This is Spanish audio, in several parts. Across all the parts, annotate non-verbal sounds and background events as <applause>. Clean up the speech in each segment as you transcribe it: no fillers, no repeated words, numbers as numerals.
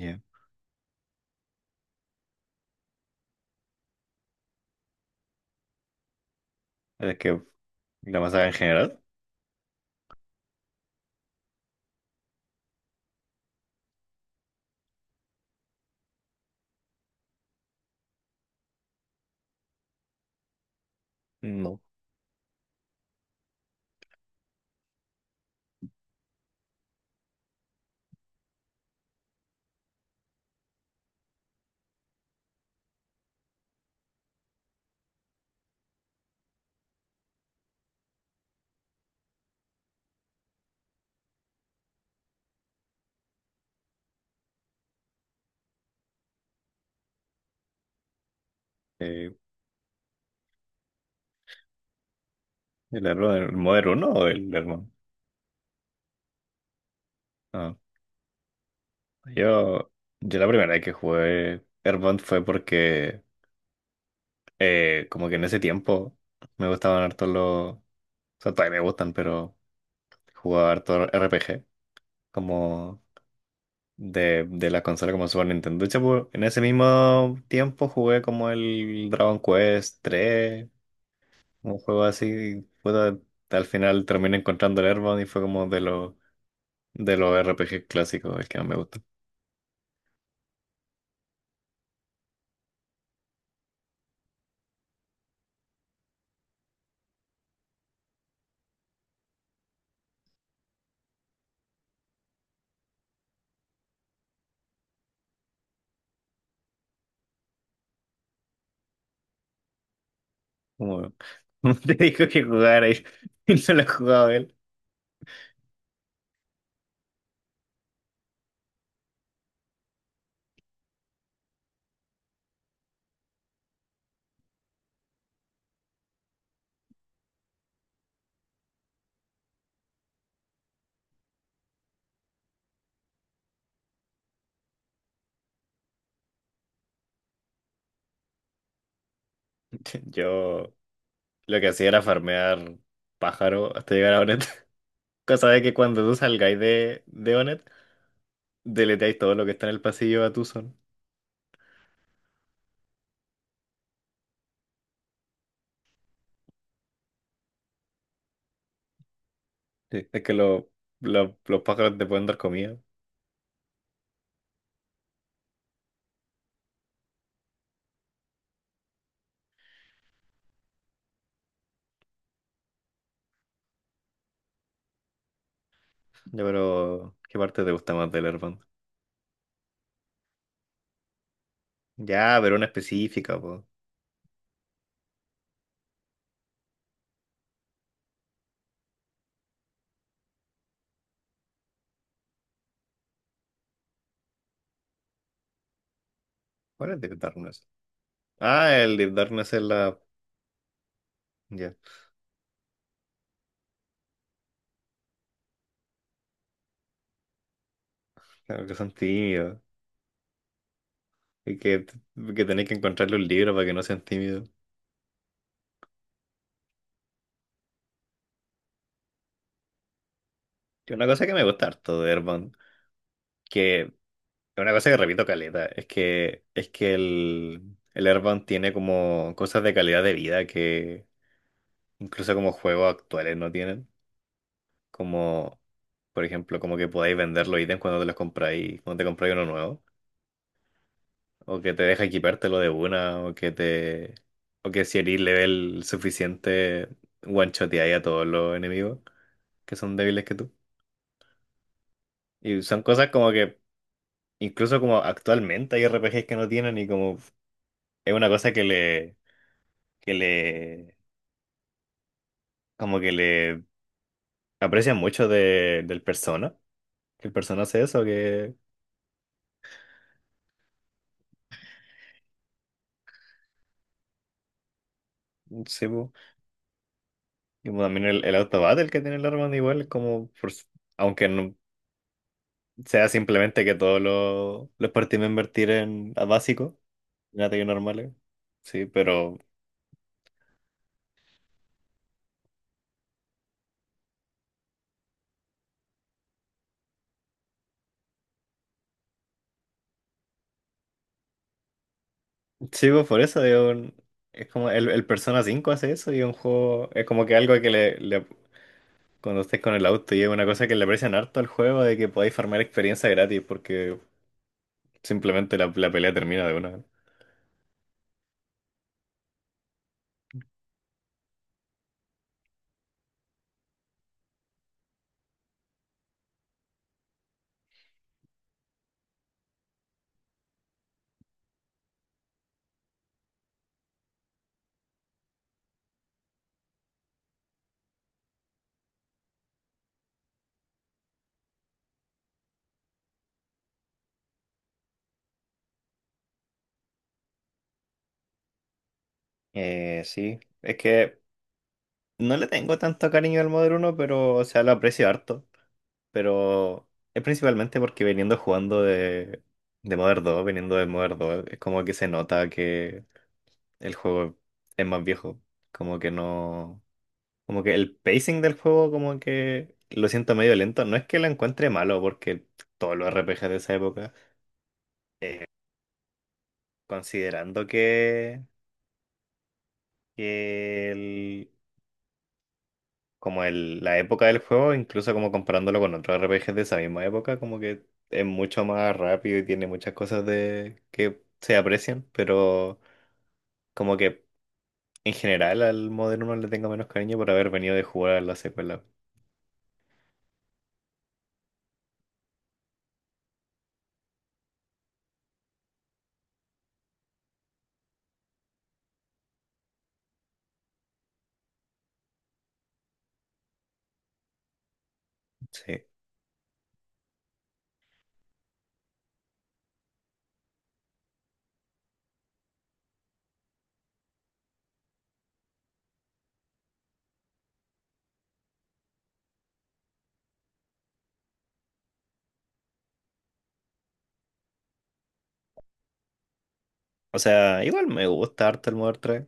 Ya. ¿Es que la masacre en general? No. Eh, ¿El hermano el modo uno o el Airbound? Ah, yo, yo la primera vez que jugué Airbound fue porque como que en ese tiempo me gustaban harto los... O sea, todavía me gustan, pero jugaba harto RPG como de la consola como Super Nintendo. De hecho, en ese mismo tiempo jugué como el Dragon Quest 3, un juego así. Y, puta, al final terminé encontrando el Airbound y fue como de los RPG clásicos, el que más me gusta. Como, <laughs> como te dijo que jugar ahí <laughs> y no lo ha jugado él. <laughs> Yo lo que hacía era farmear pájaro hasta llegar a Onet. <laughs> Cosa de que cuando tú salgáis de Onet, deleteáis todo lo que está en el pasillo a tu son. Sí. Es que los pájaros te pueden dar comida. Ya, pero ¿qué parte te gusta más del Earthbound? Ya, pero una específica, po. ¿Cuál es Deep Darkness? Ah, el Deep Darkness es la... Ya, claro que son tímidos. Y que tenéis que encontrarle un libro para que no sean tímidos. Y una cosa que me gusta harto de Airbound, que es una cosa que repito caleta, es que el Airbound tiene como cosas de calidad de vida que incluso como juegos actuales no tienen. Como, por ejemplo, como que podáis vender los ítems cuando te los compráis, cuando te compráis uno nuevo. O que te deja equipártelo de una, o que te. O que si eres level suficiente, one-shoteáis a todos los enemigos que son débiles que tú. Y son cosas como que incluso como actualmente hay RPGs que no tienen y como es una cosa que le, como que le aprecian mucho de, del Persona, que el Persona hace eso, que sí, po. Y como también el Auto Battle que tiene el Armand igual, es como, aunque no sea simplemente que todos los party members tiren a básico, en ataques normales, sí, pero sí, po, por eso digo, es como el Persona 5 hace eso y un juego, es como que algo que le cuando estés con el auto y es una cosa que le aprecian harto al juego de que podáis farmar experiencia gratis porque simplemente la pelea termina de una. Sí, es que no le tengo tanto cariño al Modern uno, pero o sea, lo aprecio harto. Pero es principalmente porque viniendo jugando de Modern dos, viniendo de Modern dos, es como que se nota que el juego es más viejo. Como que no. Como que el pacing del juego, como que lo siento medio lento. No es que lo encuentre malo, porque todos los RPGs de esa época. Considerando que el, como la época del juego, incluso como comparándolo con otros RPGs de esa misma época, como que es mucho más rápido y tiene muchas cosas de, que se aprecian, pero como que en general al Modern 1 le tengo menos cariño por haber venido de jugar a la secuela. Sí. O sea, igual me gusta harto el Modern 3.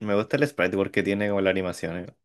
Me gusta el sprite porque tiene como la animación. Eh.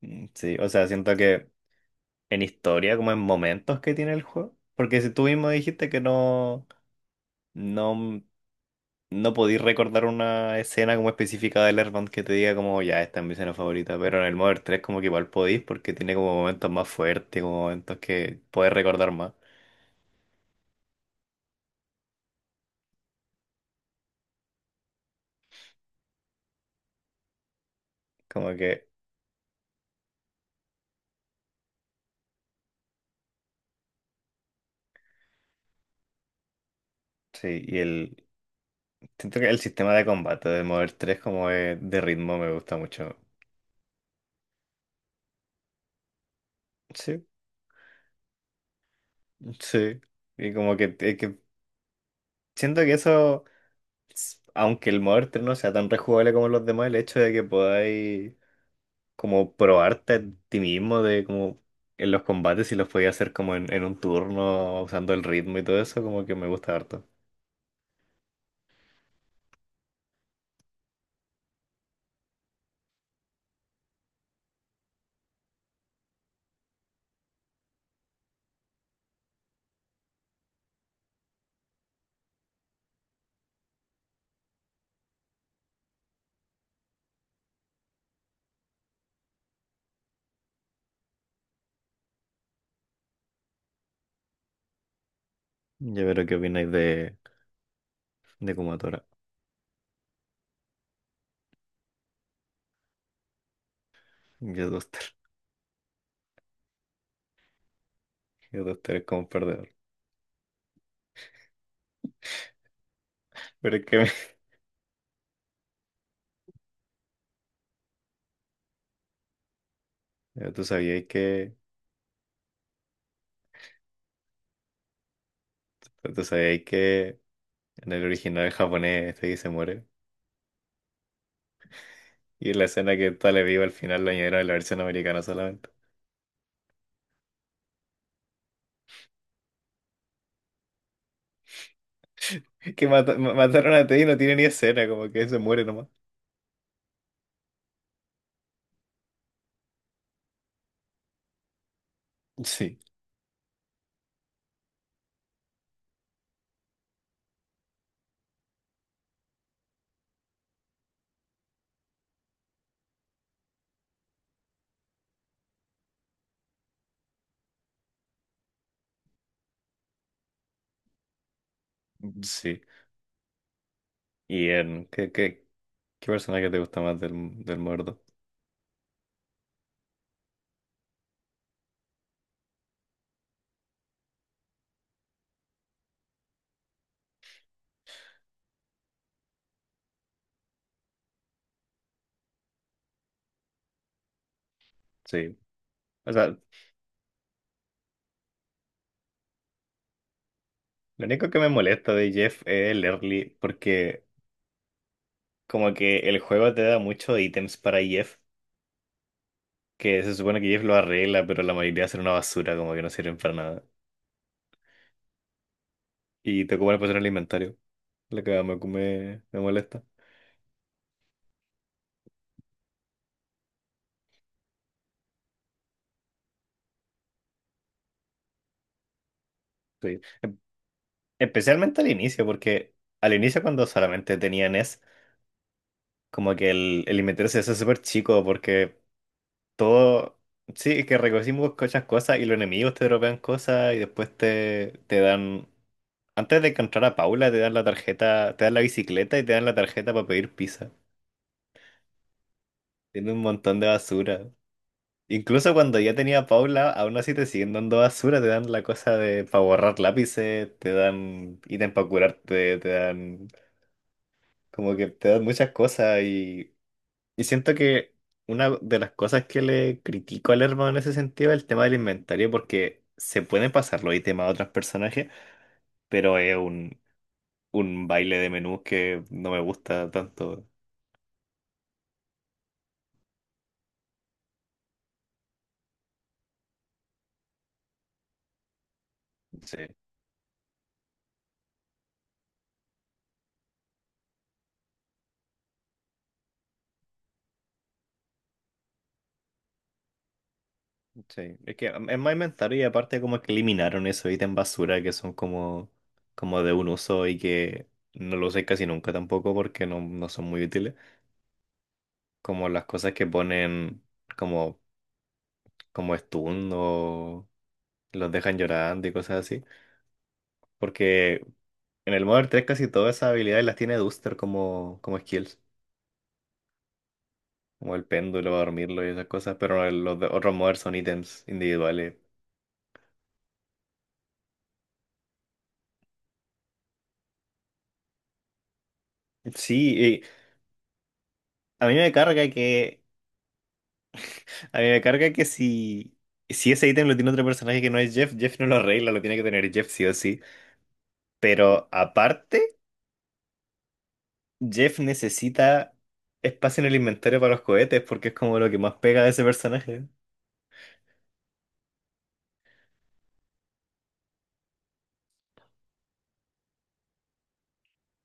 Mm, sí, o sea, siento que en historia, como en momentos que tiene el juego. Porque si tú mismo dijiste que no. No, no podéis recordar una escena como específica del Airband que te diga como ya esta es mi escena favorita, pero en el Mother tres como que igual podéis porque tiene como momentos más fuertes, como momentos que podéis recordar más. Como que sí, y el siento que el sistema de combate del Mother tres como es de ritmo me gusta mucho. Sí, sí. Y como que, es que siento que eso, aunque el Mother 3 no sea tan rejugable como los demás, el hecho de que podáis como probarte a ti mismo de como en los combates si los podía hacer como en un turno, usando el ritmo y todo eso, como que me gusta harto. Ya veré qué opináis de Kumatora. Yo Duster. <laughs> Yo Duster es como un perdedor. Pero es que me- <laughs> tú sabías que, tú sabías que en el original japonés este que se muere. Y en la escena que está le vivo al final lo añadieron en la versión americana solamente. Que mataron a Teddy y no tiene ni escena, como que se muere nomás. Sí, sí. Y en, ¿qué, ¿qué personaje te gusta más del, del muerto? Sí. O sea, lo único que me molesta de Jeff es el early, porque como que el juego te da muchos ítems para Jeff, que se supone que Jeff lo arregla, pero la mayoría son una basura, como que no sirven para nada. Y te ocupan el posición en el inventario, lo que me molesta. Sí. Especialmente al inicio, porque al inicio cuando solamente tenía NES, como que el inventario se hace súper chico, porque todo, sí, es que recogimos muchas cosas y los enemigos te dropean cosas y después te dan, antes de encontrar a Paula, te dan la tarjeta, te dan la bicicleta y te dan la tarjeta para pedir pizza. Tiene un montón de basura. Incluso cuando ya tenía a Paula, aún así te siguen dando basura, te dan la cosa de para borrar lápices, te dan ítem para curarte, te dan, como que te dan muchas cosas y siento que una de las cosas que le critico al hermano en ese sentido es el tema del inventario, porque se pueden pasar los ítems a otros personajes, pero es un baile de menús que no me gusta tanto. Sí, sí. Es que mm, es más inventario y aparte como que eliminaron esos ítems basura que son como, como de un uso y que no lo usé casi nunca tampoco porque no, no son muy útiles. Como las cosas que ponen como, como stun o los dejan llorando y cosas así. Porque en el Modern tres casi todas esas habilidades las tiene Duster como, como skills, como el péndulo, dormirlo y esas cosas, pero los otros Modern son ítems individuales. Sí, y a mí me carga que, a mí me carga que si, si ese ítem lo tiene otro personaje que no es Jeff, Jeff no lo arregla, lo tiene que tener Jeff sí o sí. Pero aparte, Jeff necesita espacio en el inventario para los cohetes porque es como lo que más pega de ese personaje.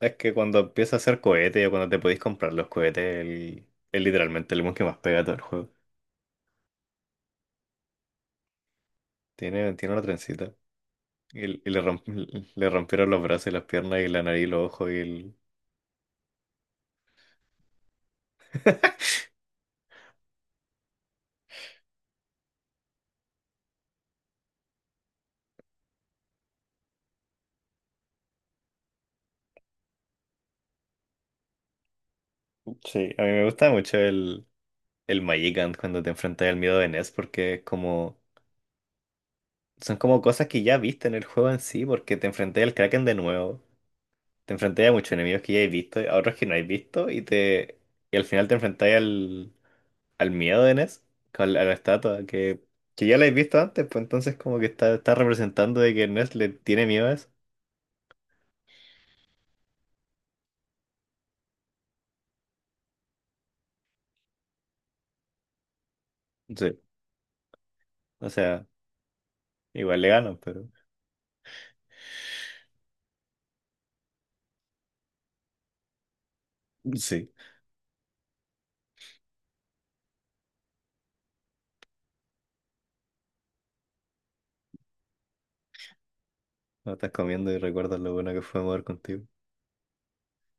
Es que cuando empieza a hacer cohetes o cuando te podéis comprar los cohetes, él es literalmente el mon que más pega a todo el juego. Tiene, tiene una trencita. Y le, <laughs> le rompieron los brazos y las piernas y la nariz y los ojos y el... <laughs> Sí, a mí me gusta mucho el Magikant cuando te enfrentas al miedo de Ness porque es como... Son como cosas que ya viste en el juego en sí porque te enfrentas al Kraken de nuevo. Te enfrentas a muchos enemigos que ya has visto, a otros que no has visto y te... Y al final te enfrentas al... al miedo de Ness, con a la estatua, que ya la he visto antes, pues entonces como que está, está representando de que Ness le tiene miedo a eso. Sí. O sea, igual le ganan, pero sí. No estás comiendo y recuerdas lo bueno que fue mover contigo.